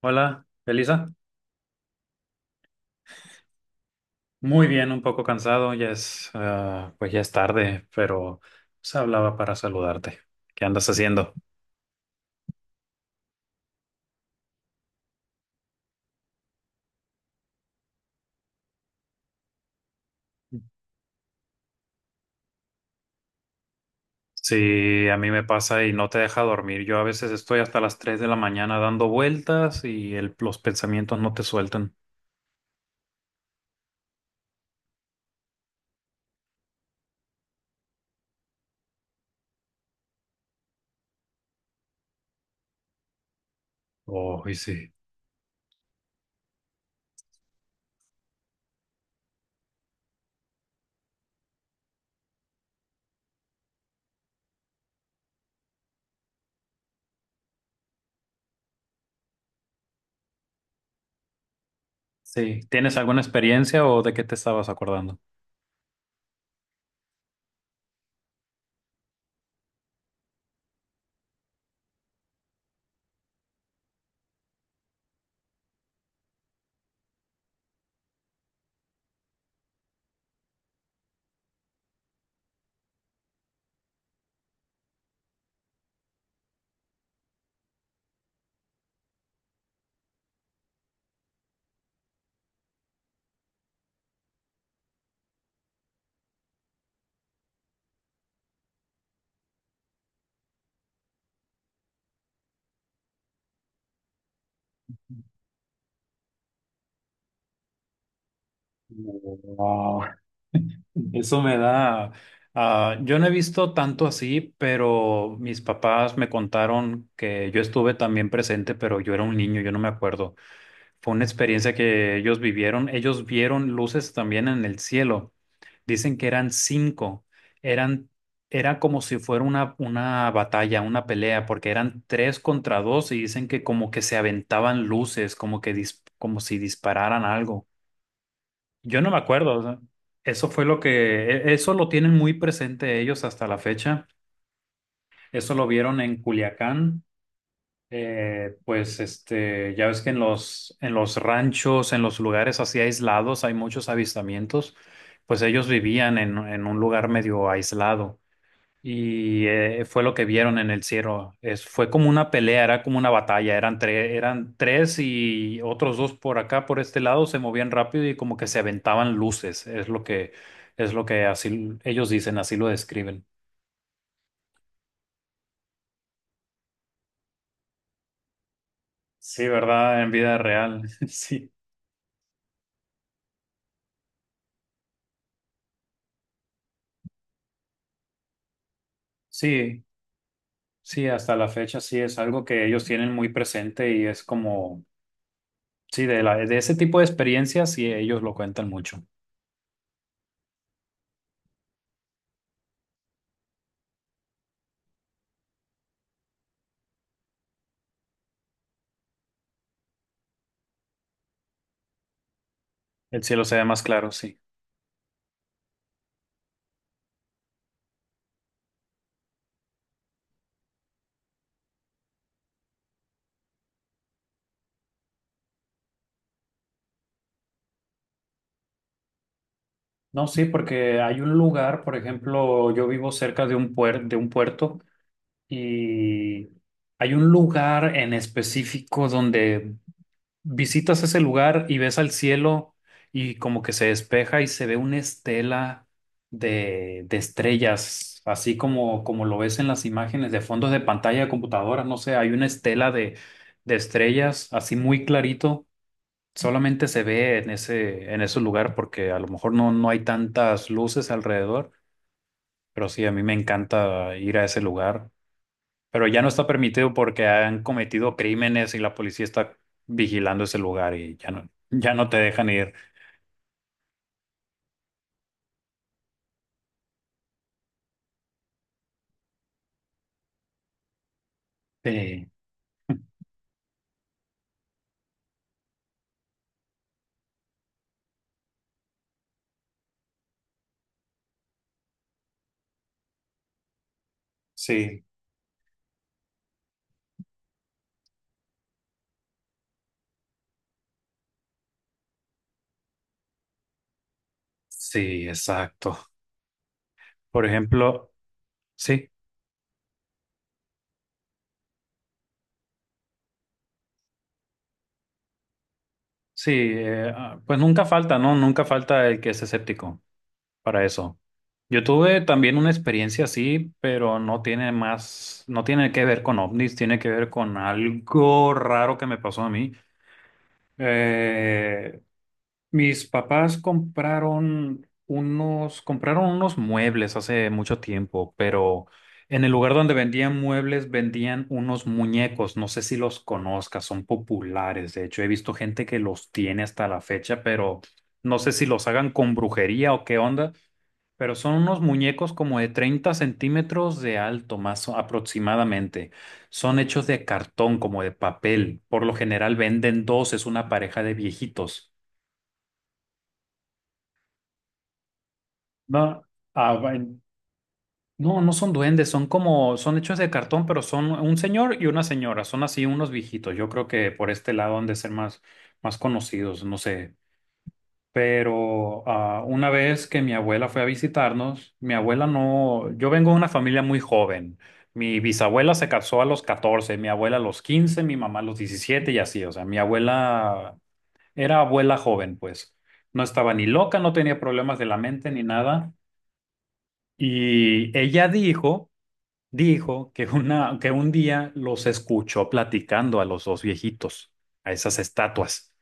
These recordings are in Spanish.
Hola, Elisa. Muy bien, un poco cansado, pues ya es tarde, pero se hablaba para saludarte. ¿Qué andas haciendo? Sí, a mí me pasa y no te deja dormir. Yo a veces estoy hasta las 3 de la mañana dando vueltas y los pensamientos no te sueltan. Oh, y sí. Sí, ¿tienes alguna experiencia o de qué te estabas acordando? Wow. Eso me da, ah, Yo no he visto tanto así, pero mis papás me contaron que yo estuve también presente, pero yo era un niño, yo no me acuerdo. Fue una experiencia que ellos vivieron. Ellos vieron luces también en el cielo. Dicen que eran cinco. Eran, Era como si fuera una batalla, una pelea, porque eran tres contra dos y dicen que como que se aventaban luces, como que como si dispararan algo. Yo no me acuerdo, o sea, eso fue lo que, e- eso lo tienen muy presente ellos hasta la fecha. Eso lo vieron en Culiacán. Pues este, ya ves que en los ranchos, en los lugares así aislados, hay muchos avistamientos. Pues ellos vivían en un lugar medio aislado. Y fue lo que vieron en el cielo. Fue como una pelea, era como una batalla. Eran tres y otros dos por acá, por este lado, se movían rápido y como que se aventaban luces. Es lo que así ellos dicen, así lo describen. Sí, ¿verdad? En vida real. Sí, sí, sí, hasta la fecha sí es algo que ellos tienen muy presente y es como, sí, de ese tipo de experiencias sí ellos lo cuentan mucho. El cielo se ve más claro, sí. No, sí, porque hay un lugar, por ejemplo, yo vivo cerca de un puerto y hay un lugar en específico donde visitas ese lugar y ves al cielo y como que se despeja y se ve una estela de estrellas, así como lo ves en las imágenes de fondos de pantalla de computadora, no sé, hay una estela de estrellas así muy clarito, solamente se ve en ese lugar porque a lo mejor no, no hay tantas luces alrededor, pero sí, a mí me encanta ir a ese lugar. Pero ya no está permitido porque han cometido crímenes y la policía está vigilando ese lugar y ya no, ya no te dejan ir. Sí, sí, sí, exacto. Por ejemplo, sí, sí, pues nunca falta, ¿no? Nunca falta el que es escéptico. Para eso. Yo tuve también una experiencia así, pero no tiene más, no tiene que ver con ovnis, tiene que ver con algo raro que me pasó a mí. Eh, Mis papás compraron unos muebles hace mucho tiempo, pero en el lugar donde vendían muebles vendían unos muñecos. No sé si los conozcas, son populares. De hecho, he visto gente que los tiene hasta la fecha, pero no sé si los hagan con brujería o qué onda, pero son unos muñecos como de 30 centímetros de alto, aproximadamente. Son hechos de cartón, como de papel. Por lo general venden dos, es una pareja de viejitos. No, bueno. No, no son duendes, son como, son hechos de cartón, pero son un señor y una señora. Son así unos viejitos. Yo creo que por este lado han de ser más conocidos, no sé. Pero una vez que mi abuela fue a visitarnos, mi abuela no, yo vengo de una familia muy joven. Mi bisabuela se casó a los 14, mi abuela a los 15, mi mamá a los 17 y así. O sea, mi abuela era abuela joven, pues. No estaba ni loca, no tenía problemas de la mente ni nada. Y ella dijo que que un día los escuchó platicando a los dos viejitos, a esas estatuas.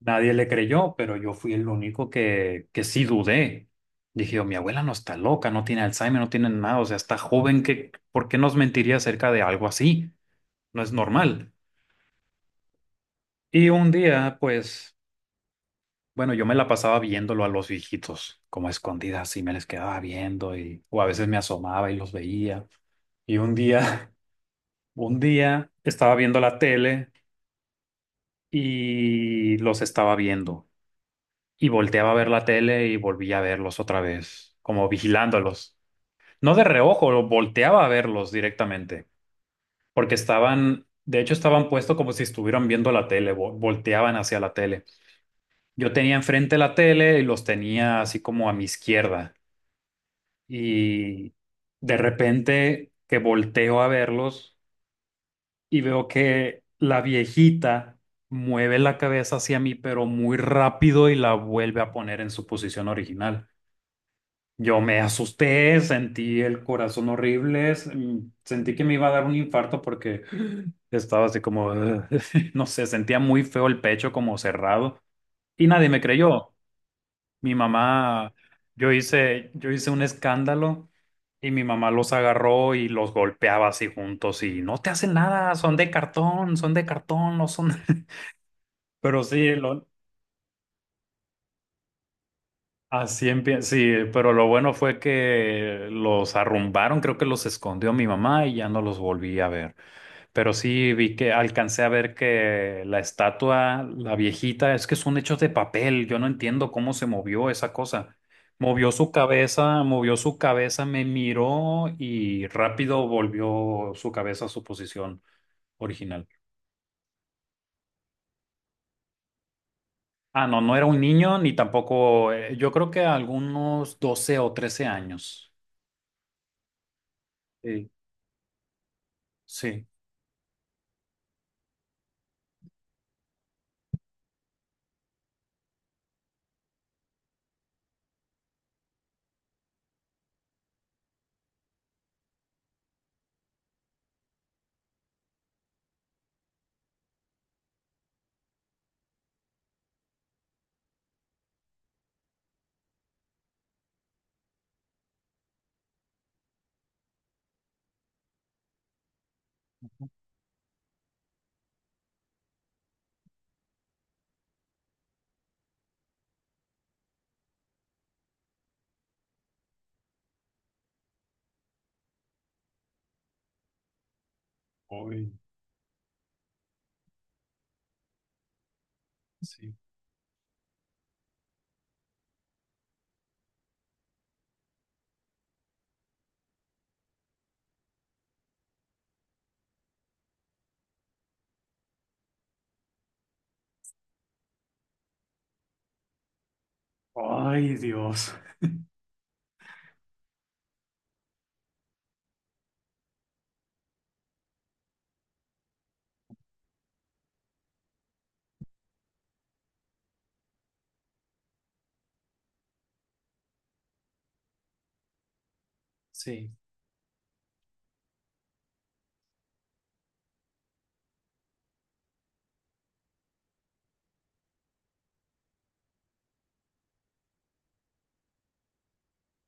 Nadie le creyó, pero yo fui el único que sí dudé. Dije, yo, mi abuela no está loca, no tiene Alzheimer, no tiene nada, o sea, está joven, que, ¿por qué nos mentiría acerca de algo así? No es normal. Y un día, pues, bueno, yo me la pasaba viéndolo a los viejitos, como escondidas, y me les quedaba viendo, y, o a veces me asomaba y los veía. Y un día, un día estaba viendo la tele y los estaba viendo, y volteaba a ver la tele y volvía a verlos otra vez, como vigilándolos. No de reojo, lo volteaba a verlos directamente, porque estaban, de hecho estaban puestos como si estuvieran viendo la tele, volteaban hacia la tele. Yo tenía enfrente la tele y los tenía así como a mi izquierda. Y de repente que volteo a verlos y veo que la viejita mueve la cabeza hacia mí, pero muy rápido y la vuelve a poner en su posición original. Yo me asusté, sentí el corazón horrible, sentí que me iba a dar un infarto porque estaba así como, "Ugh". No sé, sentía muy feo el pecho como cerrado y nadie me creyó. Mi mamá, yo hice un escándalo y mi mamá los agarró y los golpeaba así juntos y no te hacen nada, son de cartón, no son. Pero sí, lo... Así empieza, sí, pero lo bueno fue que los arrumbaron, creo que los escondió mi mamá y ya no los volví a ver. Pero sí vi que alcancé a ver que la estatua, la viejita, es que son hechos de papel, yo no entiendo cómo se movió esa cosa. Movió su cabeza, me miró y rápido volvió su cabeza a su posición original. Ah, no, no era un niño ni tampoco, yo creo que algunos 12 o 13 años. Sí. Sí. Uy, sí. Ay, Dios. Sí,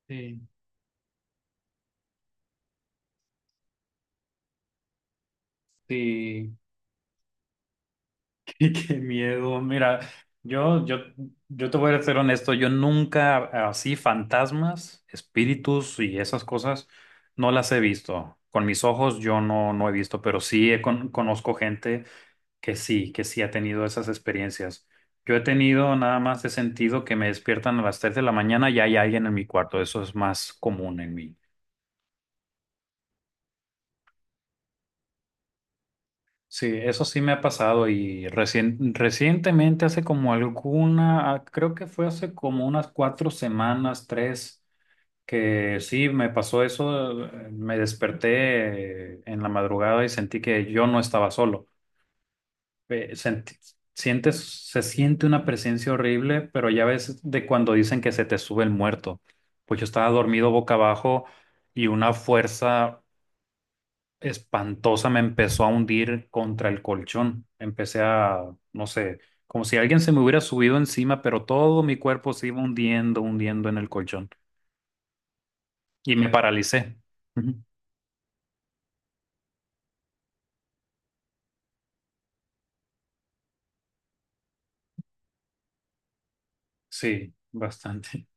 sí, sí. Qué, qué miedo. Mira, yo, yo, yo te voy a ser honesto. Yo nunca así fantasmas, espíritus y esas cosas no las he visto. Con mis ojos yo no, no he visto, pero sí conozco gente que sí ha tenido esas experiencias. Yo he tenido nada más he sentido que me despiertan a las 3 de la mañana y hay alguien en mi cuarto. Eso es más común en mí. Sí, eso sí me ha pasado y recientemente, hace como creo que fue hace como unas 4 semanas, tres, que sí me pasó eso, me desperté en la madrugada y sentí que yo no estaba solo. Eh, sentí- sientes, Se siente una presencia horrible, pero ya ves de cuando dicen que se te sube el muerto. Pues yo estaba dormido boca abajo y una fuerza espantosa me empezó a hundir contra el colchón. Empecé a, no sé, como si alguien se me hubiera subido encima, pero todo mi cuerpo se iba hundiendo, hundiendo en el colchón. Y me paralicé. Ujú. Sí, bastante.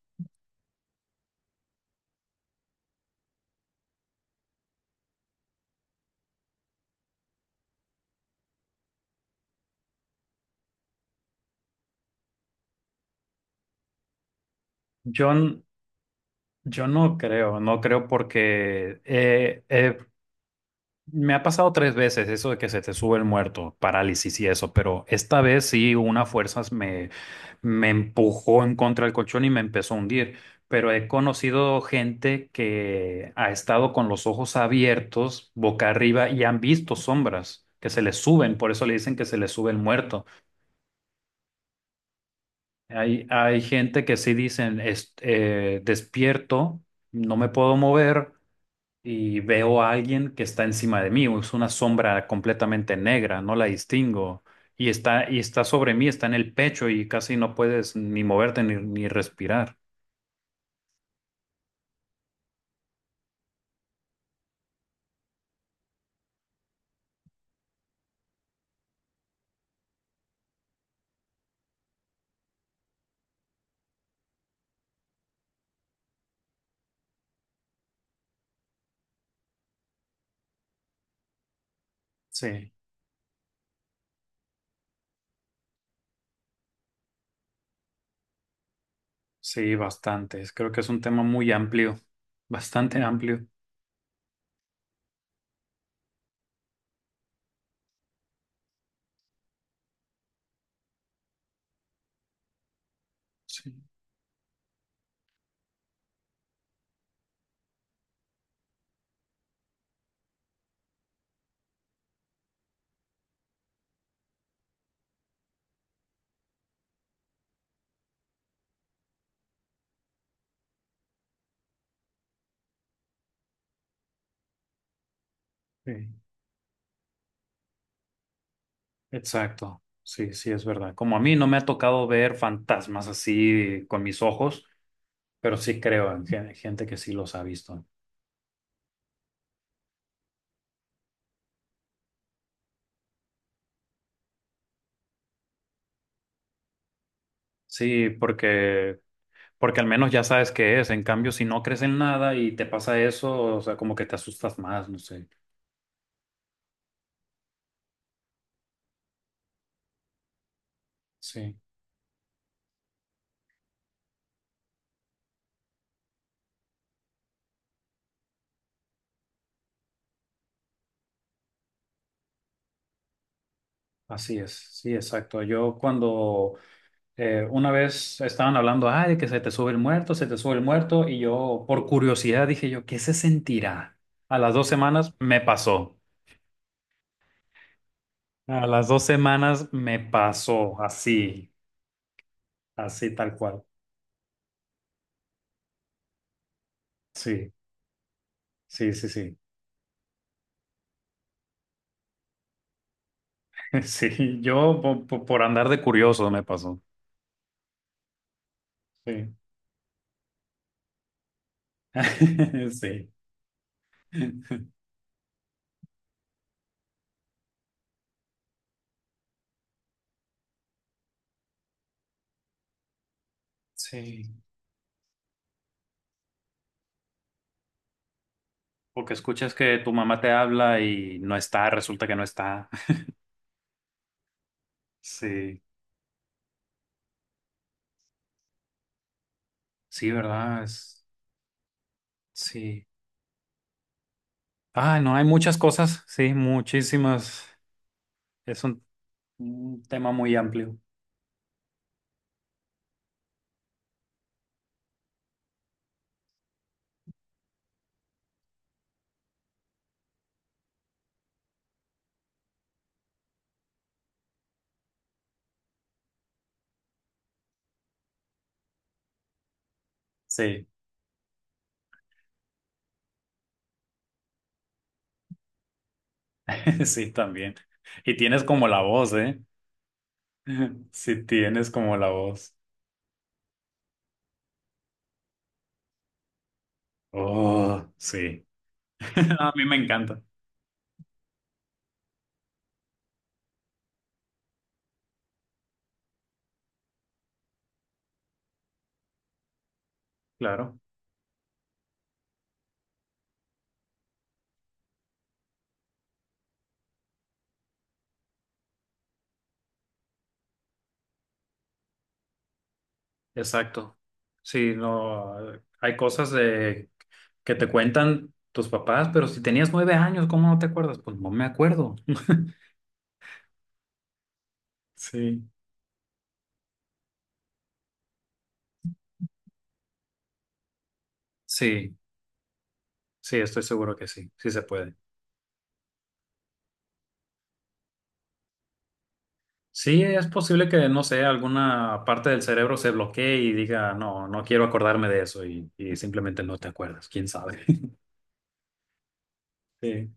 Yo, n- yo no creo, no creo porque he... Me ha pasado tres veces eso de que se te sube el muerto, parálisis y eso, pero esta vez sí una fuerza me empujó en contra del colchón y me empezó a hundir. Pero he conocido gente que ha estado con los ojos abiertos, boca arriba, y han visto sombras que se les suben, por eso le dicen que se les sube el muerto. Hay gente que sí dicen, Despierto, no me puedo mover, y veo a alguien que está encima de mí, es una sombra completamente negra, no la distingo, y está sobre mí, está en el pecho y casi no puedes ni moverte ni respirar." Sí, sí, bastantes. Creo que es un tema muy amplio, bastante amplio. Sí, sí, exacto. Sí, sí, es verdad. Como a mí no me ha tocado ver fantasmas así con mis ojos, pero sí creo en gente que sí los ha visto. Sí, porque al menos ya sabes qué es. En cambio, si no crees en nada y te pasa eso, o sea, como que te asustas más, no sé. Sí, así es. Sí, exacto. Yo cuando una vez estaban hablando, ay, de que se te sube el muerto, se te sube el muerto, y yo por curiosidad dije yo, ¿qué se sentirá? A las 2 semanas me pasó. A las 2 semanas me pasó así, así tal cual. Sí, sí, sí, sí. Sí, yo por andar de curioso me pasó. Sí. Sí. Sí. O que escuches que tu mamá te habla y no está, resulta que no está. Sí. Sí, ¿verdad? Es... Sí. Ah, no, hay muchas cosas. Sí, muchísimas. Es un tema muy amplio. Sí, sí, también. Y tienes como la voz, ¿eh? Sí, tienes como la voz. Oh, sí. A mí me encanta. Claro, exacto. Sí, no, hay cosas de que te cuentan tus papás, pero si tenías 9 años, ¿cómo no te acuerdas? Pues no me acuerdo. Sí. Sí, sí, estoy seguro que sí, sí se puede. Sí, es posible que, no sé, alguna parte del cerebro se bloquee y diga, no, no quiero acordarme de eso y simplemente no te acuerdas, quién sabe. Sí.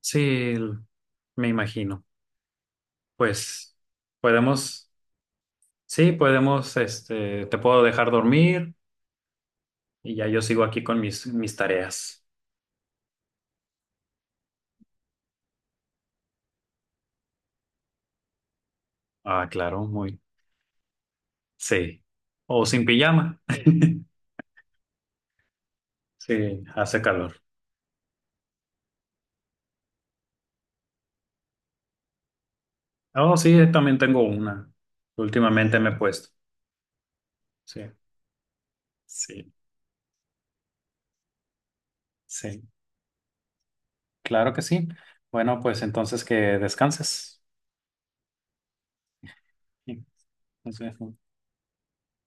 Sí, el- me imagino. Pues podemos, sí, podemos, te puedo dejar dormir y ya yo sigo aquí con mis tareas. Ah, claro, muy, sí. O sin pijama. Sí, hace calor. Oh, sí, también tengo una. Últimamente me he puesto. Sí, sí, sí. Claro que sí. Bueno, pues entonces que descanses. Sí, nos vemos.